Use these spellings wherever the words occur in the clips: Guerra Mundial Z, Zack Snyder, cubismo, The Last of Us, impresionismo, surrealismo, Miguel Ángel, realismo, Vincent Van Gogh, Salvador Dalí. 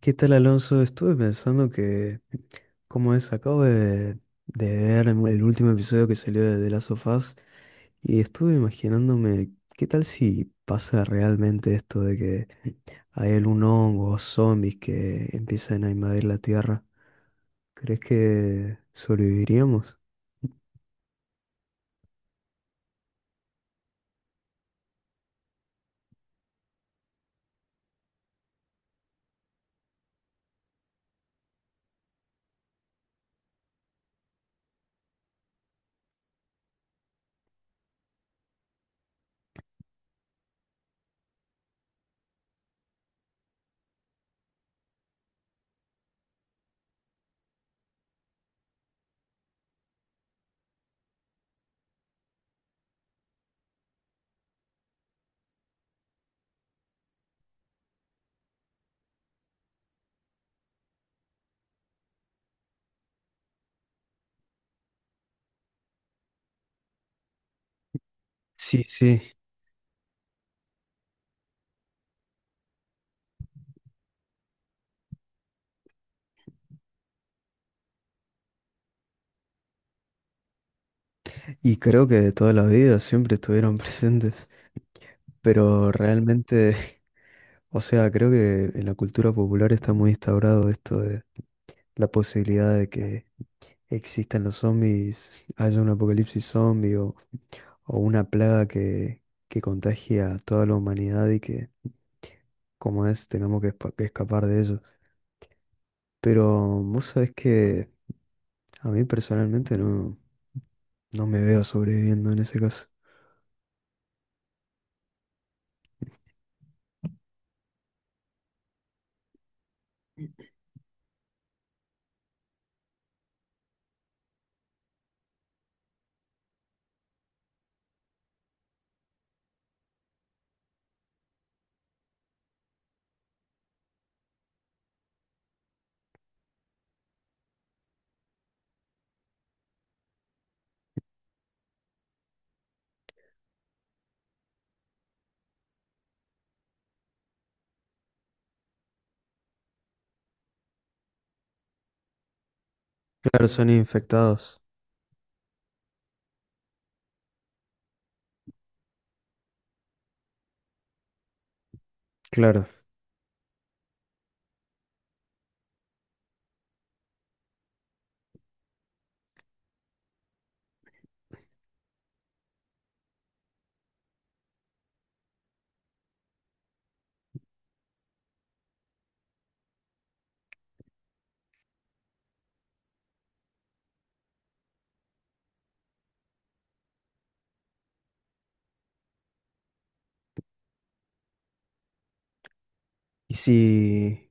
¿Qué tal, Alonso? Estuve pensando que, como es, acabo de ver el último episodio que salió de The Last of Us y estuve imaginándome qué tal si pasa realmente esto de que hay algún hongo o zombies que empiezan a invadir la Tierra. ¿Crees que sobreviviríamos? Sí, sí. Y creo que de toda la vida siempre estuvieron presentes, pero realmente o sea, creo que en la cultura popular está muy instaurado esto de la posibilidad de que existan los zombies, haya un apocalipsis zombie o una plaga que contagie a toda la humanidad y que, como es, tengamos que, que escapar de ello. Pero vos sabés que a mí personalmente no, no me veo sobreviviendo en ese caso. Claro, son infectados. Claro. Y si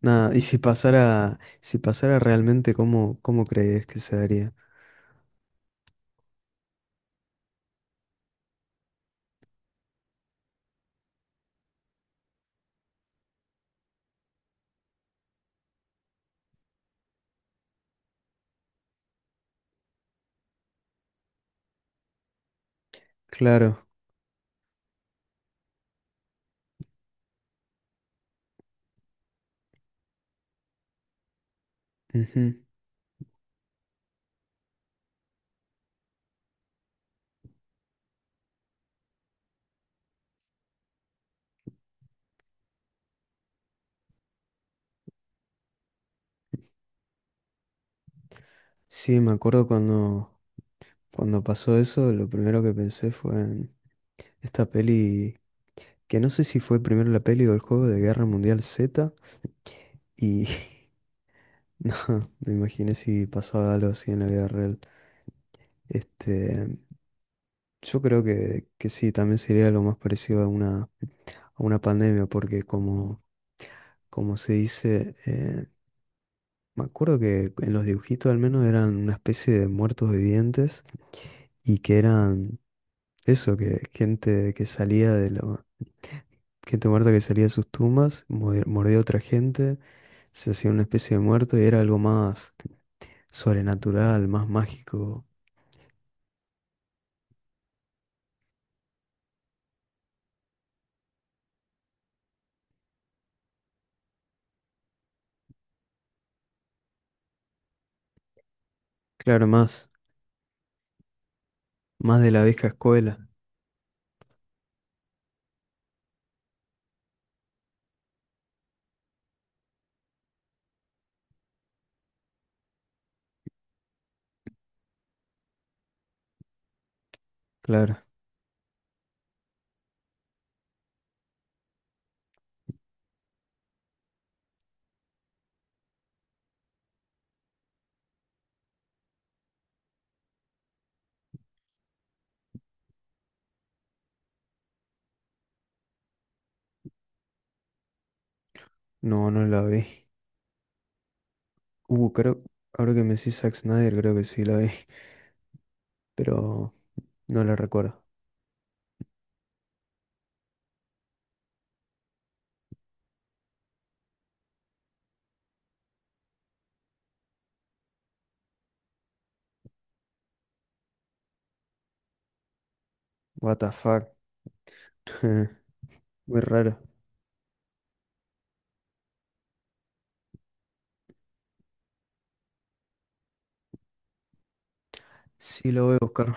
nada, y si pasara, si pasara realmente, ¿cómo, cómo crees que se daría? Claro. Ujú. Sí, me acuerdo cuando, cuando pasó eso, lo primero que pensé fue en esta peli, que no sé si fue primero la peli o el juego de Guerra Mundial Z, y no, me imaginé si pasaba algo así en la vida real. Este, Yo creo que sí, también sería lo más parecido a una pandemia, porque como, como se dice, me acuerdo que en los dibujitos al menos eran una especie de muertos vivientes y que eran eso, que gente que salía de lo, gente muerta que salía de sus tumbas, mordía a otra gente, se hacía una especie de muerto y era algo más sobrenatural, más mágico, claro, más, más de la vieja escuela, claro, no, no la vi. Creo, ahora que me decís Zack Snyder, creo que sí la vi, pero no la recuerdo. What the fuck, muy raro. Sí, lo voy a buscar.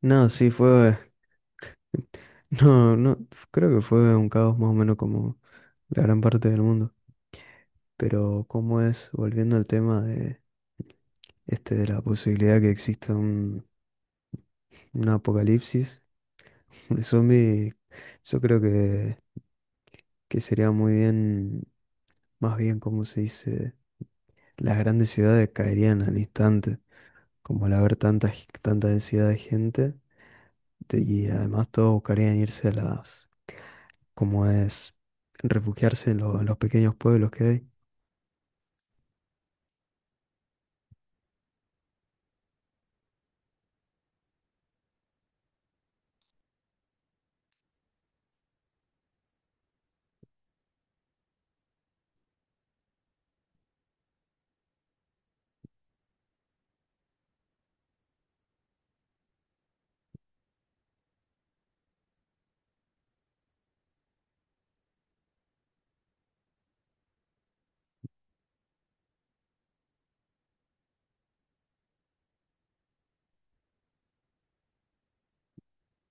No, sí, fue, no, no, creo que fue un caos más o menos como la gran parte del mundo. Pero cómo es, volviendo al tema de este de la posibilidad que exista un apocalipsis de zombie, yo creo que sería muy bien, más bien como se dice, las grandes ciudades caerían al instante. Como al haber tanta, tanta densidad de gente, de- y además todos buscarían irse a las, como es, refugiarse en, en los pequeños pueblos que hay.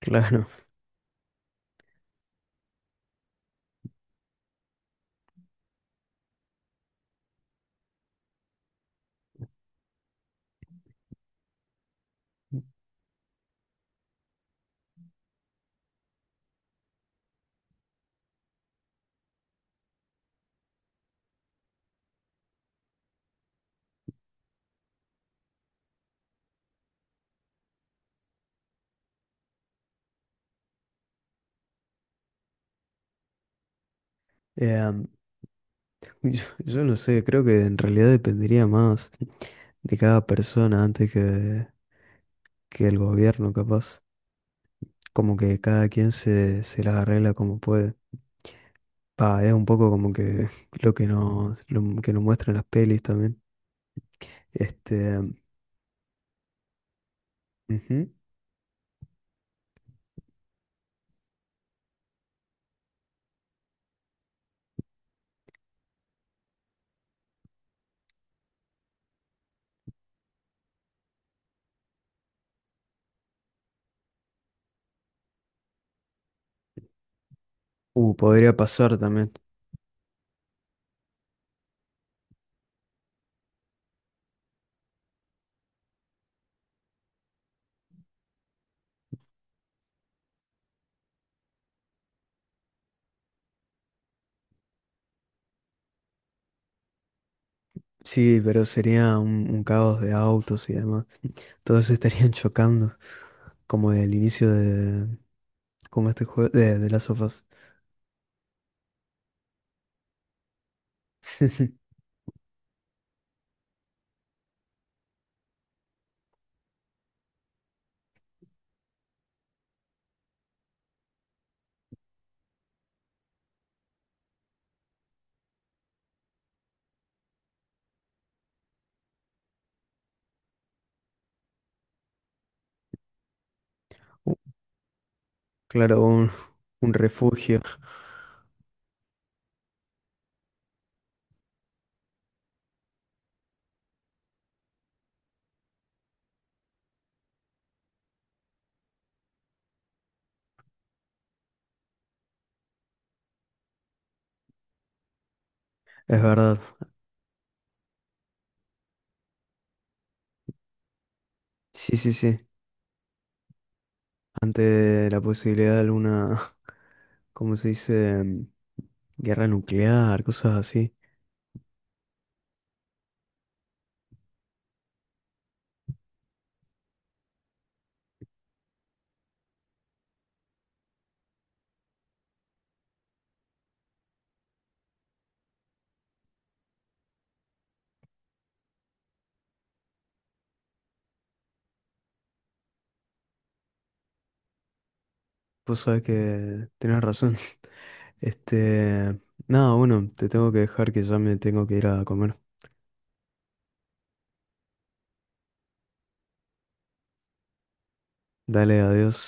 Claro. Em, yo, yo no sé, creo que en realidad dependería más de cada persona antes que el gobierno, capaz. Como que cada quien se, se las arregla como puede. Pa, es un poco como que lo que nos muestran las pelis también. Este, ujú. Podría pasar también. Sí, pero sería un caos de autos y demás. Todos se estarían chocando, como el inicio de, como este juego de Last of Us. U- claro, un refugio, es verdad. Sí, sí, sí. Ante la posibilidad de alguna, ¿cómo se dice? Guerra nuclear, cosas así. Vos sabés que tenés razón. Este, nada, bueno, te tengo que dejar que ya me tengo que ir a comer. Dale, adiós.